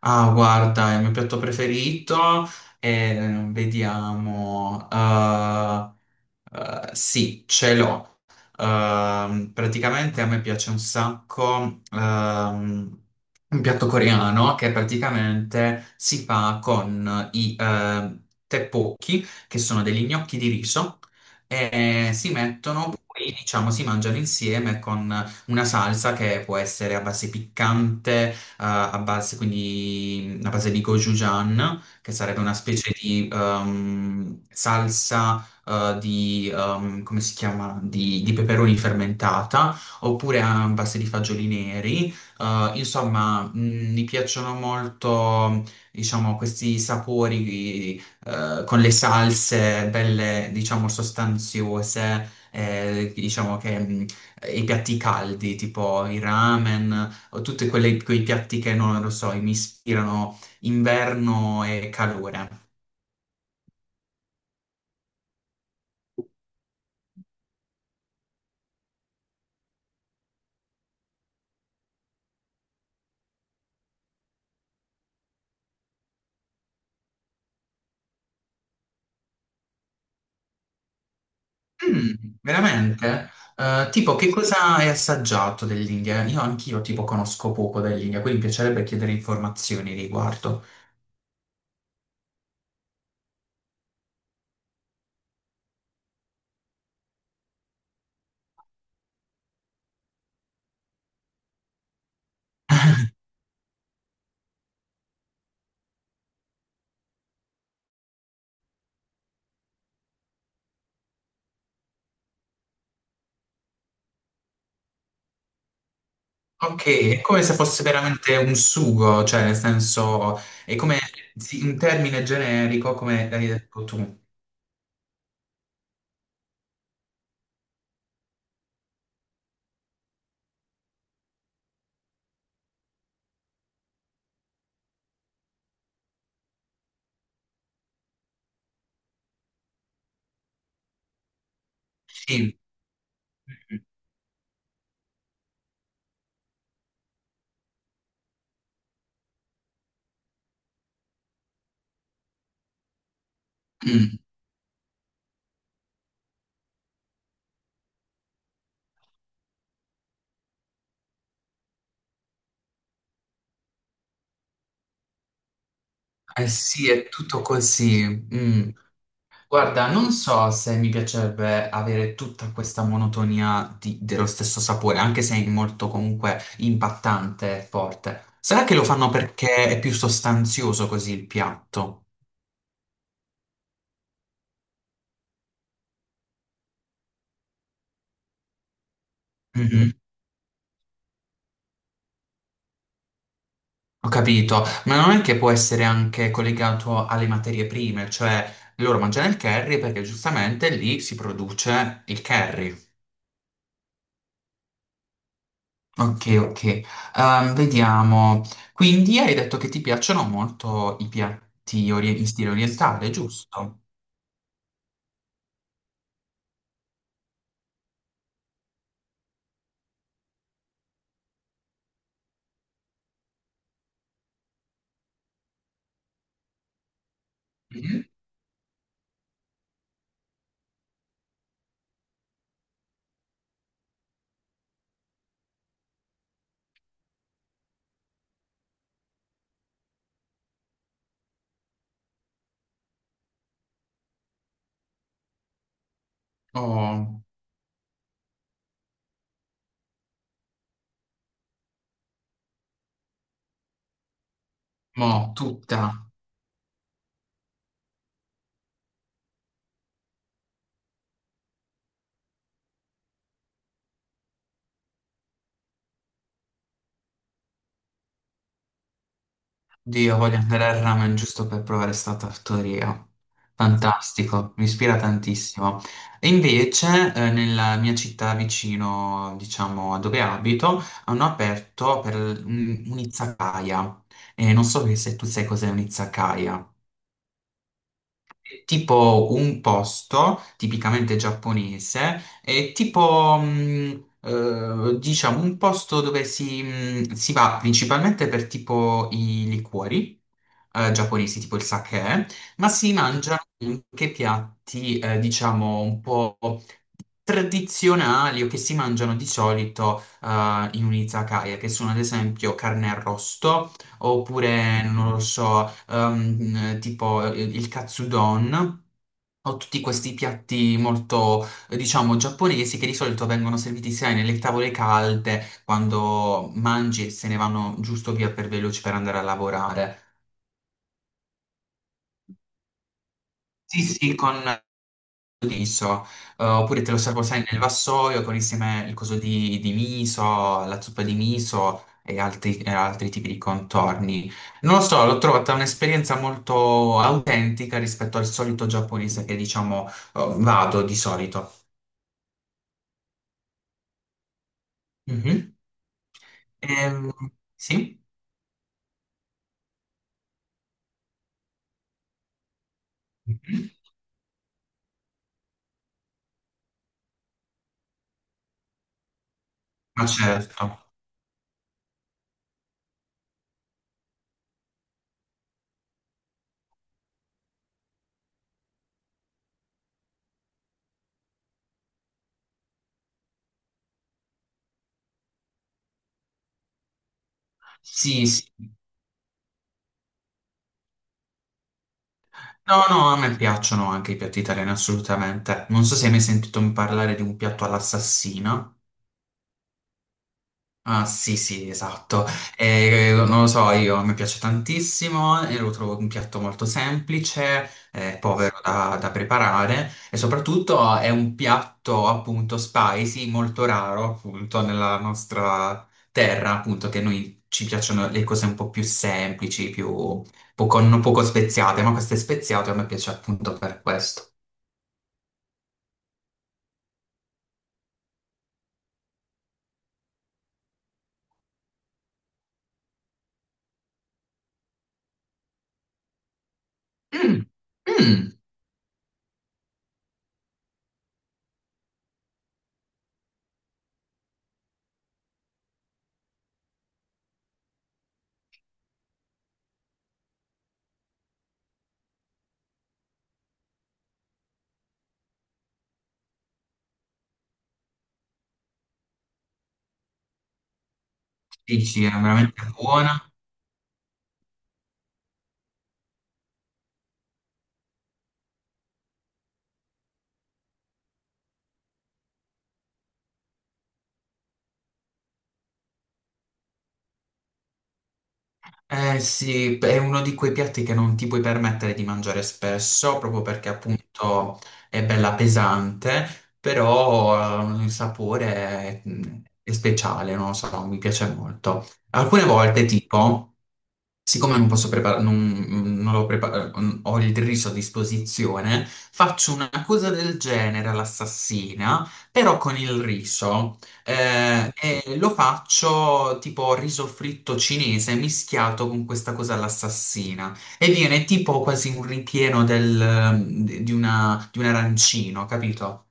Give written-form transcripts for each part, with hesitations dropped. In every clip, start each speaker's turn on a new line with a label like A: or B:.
A: Ah, guarda, il mio piatto preferito è, vediamo, sì, ce l'ho. Praticamente a me piace un sacco un piatto coreano che praticamente si fa con i tteokbokki, che sono degli gnocchi di riso, e si mettono poi, diciamo, si mangiano insieme con una salsa che può essere a base piccante, a base, quindi a base di gochujang, che sarebbe una specie di salsa di, come si chiama? Di peperoni fermentata, oppure ambas di fagioli neri. Insomma, mi piacciono molto, diciamo, questi sapori, con le salse belle, diciamo, sostanziose. Eh, diciamo che i piatti caldi, tipo i ramen, o tutti quei piatti che non lo so, mi ispirano inverno e calore. Mm, veramente? Tipo, che cosa hai assaggiato dell'India? Io anch'io tipo conosco poco dell'India, quindi mi piacerebbe chiedere informazioni riguardo. Ok, è come se fosse veramente un sugo, cioè nel senso, è come sì, un termine generico, come hai detto tu. Sì. Mm, eh sì, è tutto così. Mm. Guarda, non so se mi piacerebbe avere tutta questa monotonia di- dello stesso sapore, anche se è molto comunque impattante e forte. Sarà che lo fanno perché è più sostanzioso così il piatto? Mhm. Ho capito, ma non è che può essere anche collegato alle materie prime, cioè loro mangiano il curry perché giustamente lì si produce il curry. Ok, ok. Vediamo. Quindi hai detto che ti piacciono molto i piatti ori- in stile orientale, giusto? Mhm. Oh, mo, tutta. Dio, voglio andare al ramen giusto per provare sta tartaria. Fantastico, mi ispira tantissimo. E invece, nella mia città vicino, diciamo, a dove abito, hanno aperto per un- un'izakaya. E non so se tu sai cos'è un'izakaya. Tipo un posto tipicamente giapponese, è tipo diciamo un posto dove si, si va principalmente per tipo i liquori. Eh, giapponesi tipo il sake, ma si mangiano anche piatti, diciamo, un po' tradizionali o che si mangiano di solito in un izakaya, che sono ad esempio carne arrosto oppure non lo so, tipo il katsudon. Ho tutti questi piatti molto, diciamo, giapponesi che di solito vengono serviti sai nelle tavole calde quando mangi e se ne vanno giusto via per veloci per andare a lavorare. Sì, sì, con liso, oppure te lo servo, sai, nel vassoio con insieme il coso di miso, la zuppa di miso e altri tipi di contorni. Non lo so, l'ho trovata un'esperienza molto autentica rispetto al solito giapponese che, diciamo, vado di solito. Mhm. Ehm, sì? Mhm. Ma certo. Sì, sì. No, no, a me piacciono anche i piatti italiani, assolutamente. Non so se hai mai sentito parlare di un piatto all'assassino. Ah, sì, sì, esatto. Non lo so, io, a me piace tantissimo, e lo trovo un piatto molto semplice, povero da, da preparare e soprattutto è un piatto appunto spicy, molto raro appunto nella nostra terra, appunto che noi ci piacciono le cose un po' più semplici, più poco, non poco speziate, ma questo è speziato e a me piace appunto per questo. Mm, mm, dici, è veramente buona. Eh sì, è uno di quei piatti che non ti puoi permettere di mangiare spesso, proprio perché appunto è bella pesante, però il sapore è, mm, è speciale, non lo so, mi piace molto. Alcune volte, tipo, siccome non posso preparare, non, mm, non l'ho prepar- ho il riso a disposizione, faccio una cosa del genere all'assassina, però con il riso. E lo faccio tipo riso fritto cinese mischiato con questa cosa all'assassina. E viene tipo quasi un ripieno del- di una- di un arancino, capito?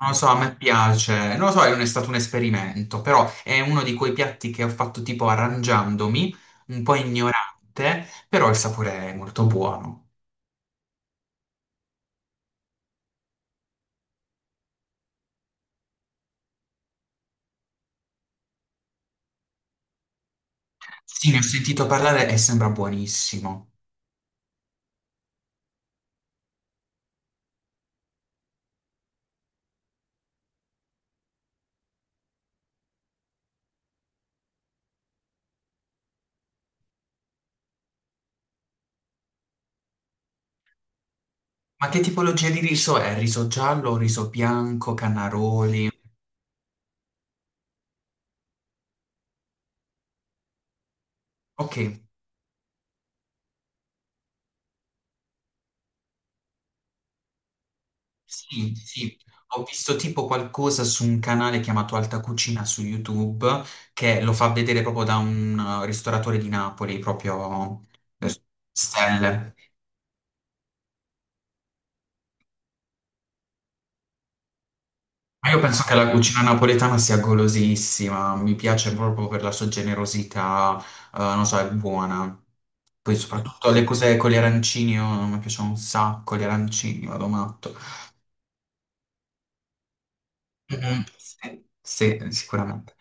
A: Non lo so, a me piace, non lo so, non è stato un esperimento, però è uno di quei piatti che ho fatto tipo arrangiandomi, un po' ignorante, però il sapore è molto buono. Sì, ne ho sentito parlare e sembra buonissimo. Ma che tipologia di riso è? Riso giallo, riso bianco, canaroli? Ok, sì, sì. Ho visto tipo qualcosa su un canale chiamato Alta Cucina su YouTube che lo fa vedere proprio da un ristoratore di Napoli, proprio eh, stelle. Ma io penso che la cucina napoletana sia golosissima, mi piace proprio per la sua generosità, non so, è buona. Poi soprattutto le cose con gli arancini, io- mi piacciono un sacco gli arancini, vado matto. Mhm. Sì, sì, sicuramente.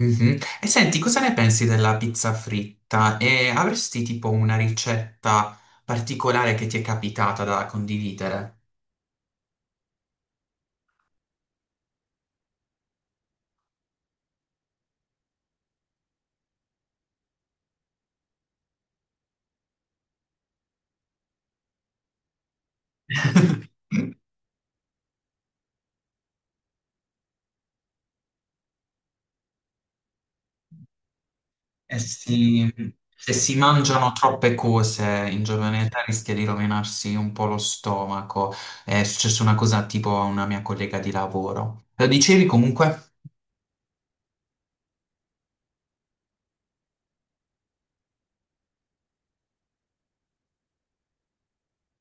A: Mhm. E senti, cosa ne pensi della pizza fritta? E avresti tipo una ricetta particolare che ti è capitata da condividere? E si- se si mangiano troppe cose in giovane età rischia di rovinarsi un po' lo stomaco. È successa una cosa tipo a una mia collega di lavoro. Lo dicevi comunque?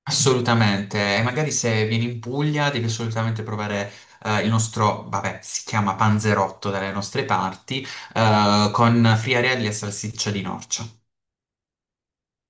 A: Assolutamente. E magari se vieni in Puglia devi assolutamente provare il nostro, vabbè, si chiama panzerotto dalle nostre parti, con friarielli e salsiccia di Norcia.